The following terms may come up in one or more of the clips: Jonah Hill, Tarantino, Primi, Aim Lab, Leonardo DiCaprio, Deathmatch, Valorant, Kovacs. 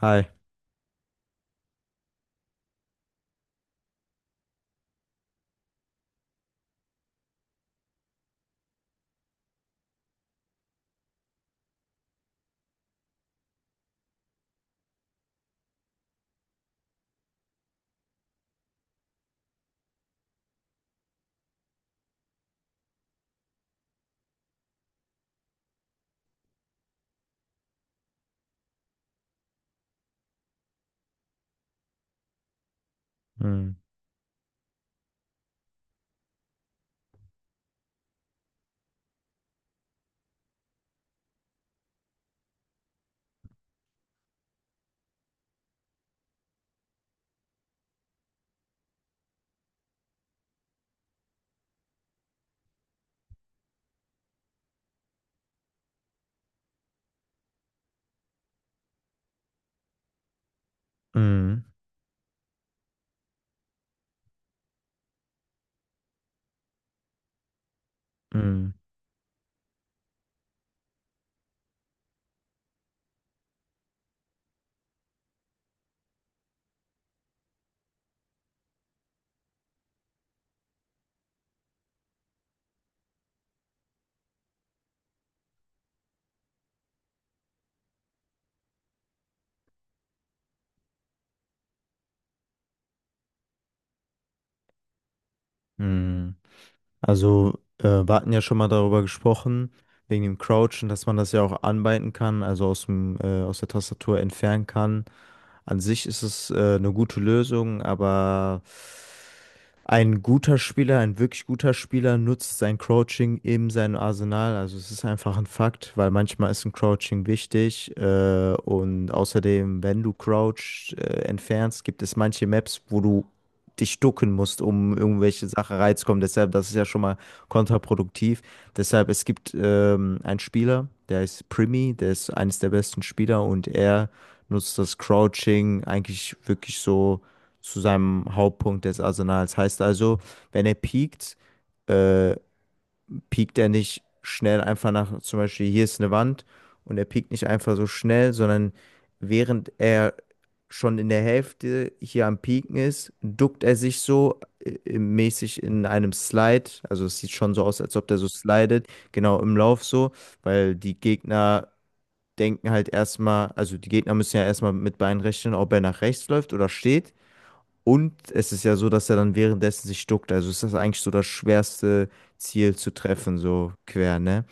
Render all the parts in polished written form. Hi. Mhm. Mhm. Mhm. Mhm. Also, wir hatten ja schon mal darüber gesprochen, wegen dem Crouchen, dass man das ja auch anbinden kann, also aus dem, aus der Tastatur entfernen kann. An sich ist es, eine gute Lösung, aber ein guter Spieler, ein wirklich guter Spieler nutzt sein Crouching in seinem Arsenal. Also es ist einfach ein Fakt, weil manchmal ist ein Crouching wichtig. Und außerdem, wenn du Crouch entfernst, gibt es manche Maps, wo du dich ducken musst, um irgendwelche Sachen reinzukommen. Deshalb, das ist ja schon mal kontraproduktiv. Deshalb, es gibt einen Spieler, der ist Primi, der ist eines der besten Spieler und er nutzt das Crouching eigentlich wirklich so zu seinem Hauptpunkt des Arsenals. Heißt also, wenn er piekt, äh, piekt er nicht schnell einfach nach, zum Beispiel hier ist eine Wand und er piekt nicht einfach so schnell, sondern während er schon in der Hälfte hier am Pieken ist, duckt er sich so mäßig in einem Slide. Also es sieht schon so aus, als ob der so slidet, genau im Lauf so, weil die Gegner denken halt erstmal, also die Gegner müssen ja erstmal mit Bein rechnen, ob er nach rechts läuft oder steht. Und es ist ja so, dass er dann währenddessen sich duckt. Also ist das eigentlich so das schwerste Ziel zu treffen, so quer, ne?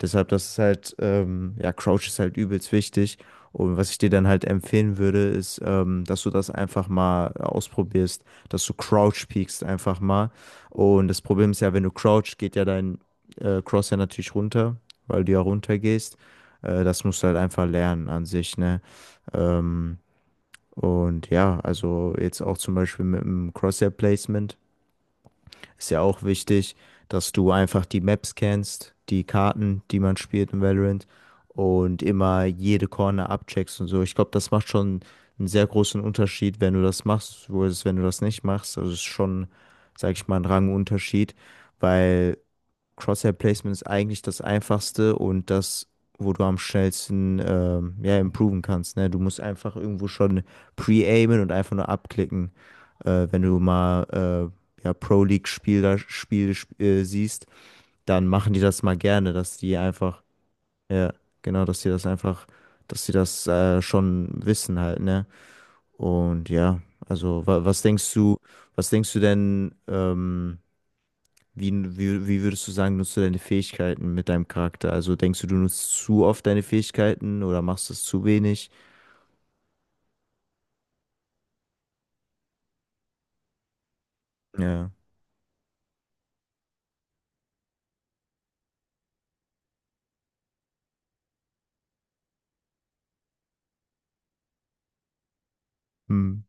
Deshalb, das ist halt, ja, Crouch ist halt übelst wichtig. Und was ich dir dann halt empfehlen würde, ist, dass du das einfach mal ausprobierst, dass du Crouch peekst einfach mal. Und das Problem ist ja, wenn du Crouch, geht ja dein Cross ja natürlich runter, weil du ja runter gehst. Das musst du halt einfach lernen an sich, ne? Ähm, und ja, also jetzt auch zum Beispiel mit dem Crosshair-Placement ist ja auch wichtig, dass du einfach die Maps kennst, die Karten, die man spielt in Valorant und immer jede Corner abcheckst und so. Ich glaube, das macht schon einen sehr großen Unterschied, wenn du das machst, wo es, wenn du das nicht machst. Also es ist schon, sag ich mal, ein Rangunterschied, weil Crosshair-Placement ist eigentlich das Einfachste und das, wo du am schnellsten ja, improven kannst. Ne? Du musst einfach irgendwo schon pre-aimen und einfach nur abklicken. Wenn du mal ja, Pro-League-Spieler Spiele siehst, dann machen die das mal gerne, dass die einfach, ja, genau, dass die das einfach, dass die das schon wissen halt, ne? Und ja, also wa was denkst du denn, wie, wie würdest du sagen, nutzt du deine Fähigkeiten mit deinem Charakter? Also denkst du, du nutzt zu oft deine Fähigkeiten oder machst es zu wenig? Ja. Hm.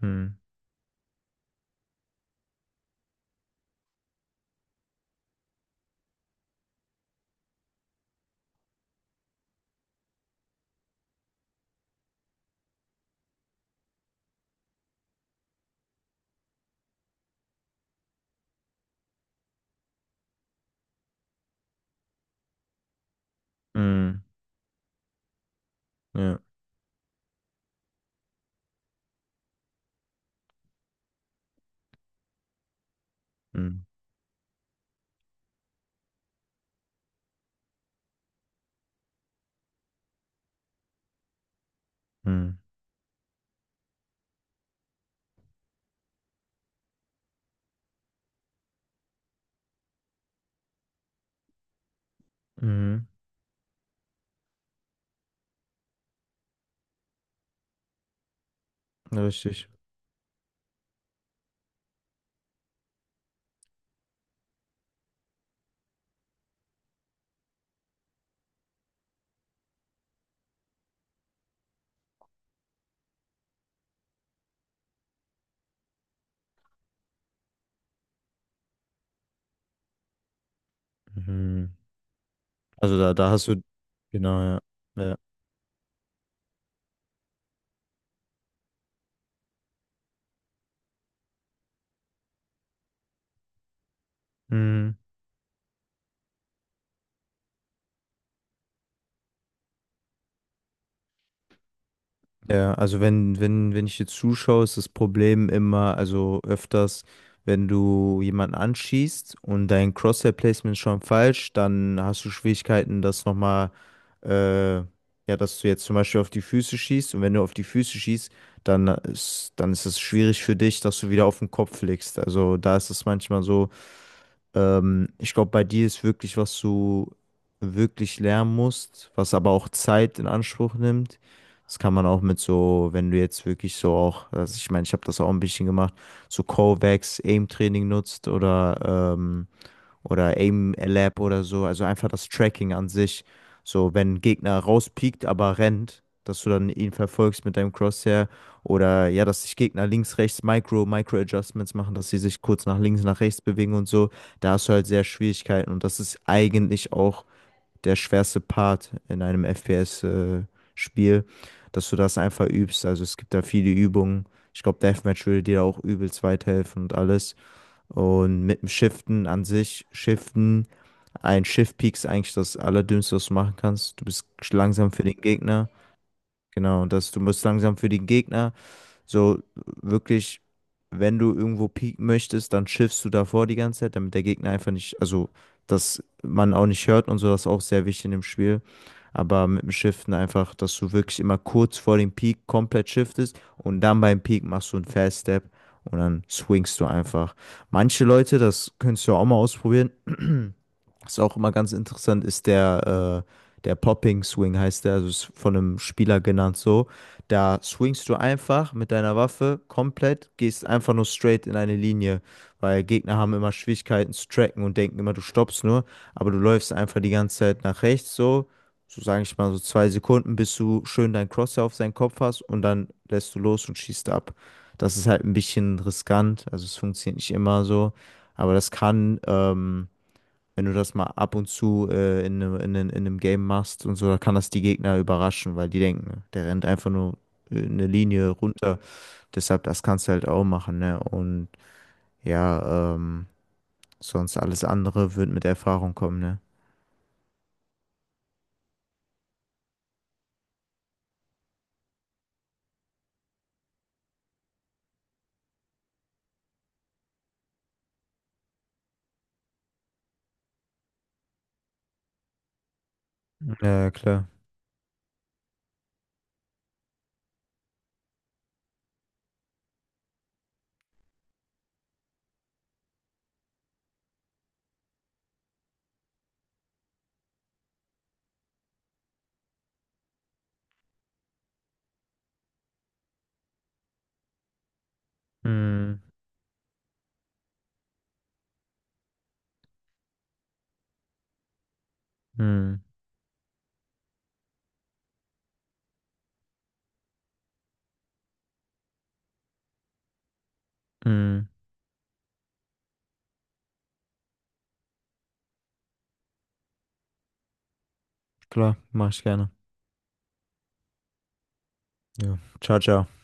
Hm. Hm. Ja. Hm. Hm. Mhm. Richtig. Mhm. Also da hast du, genau, ja. Ja. Hm. Ja, also wenn, wenn ich dir zuschaue, ist das Problem immer, also öfters, wenn du jemanden anschießt und dein Crosshair-Placement ist schon falsch, dann hast du Schwierigkeiten, das nochmal, ja, dass du jetzt zum Beispiel auf die Füße schießt und wenn du auf die Füße schießt, dann ist es schwierig für dich, dass du wieder auf den Kopf legst. Also da ist es manchmal so, ich glaube, bei dir ist wirklich, was du wirklich lernen musst, was aber auch Zeit in Anspruch nimmt. Das kann man auch mit so, wenn du jetzt wirklich so auch, also ich meine, ich habe das auch ein bisschen gemacht, so Kovacs, Aim-Training nutzt oder Aim Lab oder so. Also einfach das Tracking an sich. So, wenn ein Gegner rauspiekt, aber rennt, dass du dann ihn verfolgst mit deinem Crosshair. Oder ja, dass sich Gegner links, rechts Micro, Micro-Adjustments machen, dass sie sich kurz nach links, nach rechts bewegen und so. Da hast du halt sehr Schwierigkeiten. Und das ist eigentlich auch der schwerste Part in einem FPS-Spiel, dass du das einfach übst. Also es gibt da viele Übungen. Ich glaube, Deathmatch würde dir da auch übelst weiterhelfen und alles. Und mit dem Shiften an sich, Shiften, ein Shift-Peak ist eigentlich das Allerdümmste, was du machen kannst. Du bist langsam für den Gegner. Genau, und das, du bist langsam für den Gegner. So wirklich, wenn du irgendwo peaken möchtest, dann shiftst du davor die ganze Zeit, damit der Gegner einfach nicht, also dass man auch nicht hört und so, das ist auch sehr wichtig in dem Spiel, aber mit dem Shiften einfach, dass du wirklich immer kurz vor dem Peak komplett shiftest und dann beim Peak machst du einen Fast Step und dann swingst du einfach. Manche Leute, das könntest du ja auch mal ausprobieren, was auch immer ganz interessant ist, der, der Popping Swing heißt der, also ist von einem Spieler genannt so. Da swingst du einfach mit deiner Waffe komplett, gehst einfach nur straight in eine Linie, weil Gegner haben immer Schwierigkeiten zu tracken und denken immer, du stoppst nur, aber du läufst einfach die ganze Zeit nach rechts so, so sage ich mal so 2 Sekunden, bis du schön dein Crosshair auf seinen Kopf hast und dann lässt du los und schießt ab. Das ist halt ein bisschen riskant, also es funktioniert nicht immer so, aber das kann, wenn du das mal ab und zu in einem, in einem Game machst und so, da kann das die Gegner überraschen, weil die denken, ne, der rennt einfach nur eine Linie runter. Deshalb, das kannst du halt auch machen, ne? Und ja, sonst alles andere wird mit Erfahrung kommen, ne? Ja, klar. Hm, hm, hm. Klar, mach ich gerne. Ja. Ciao, ciao.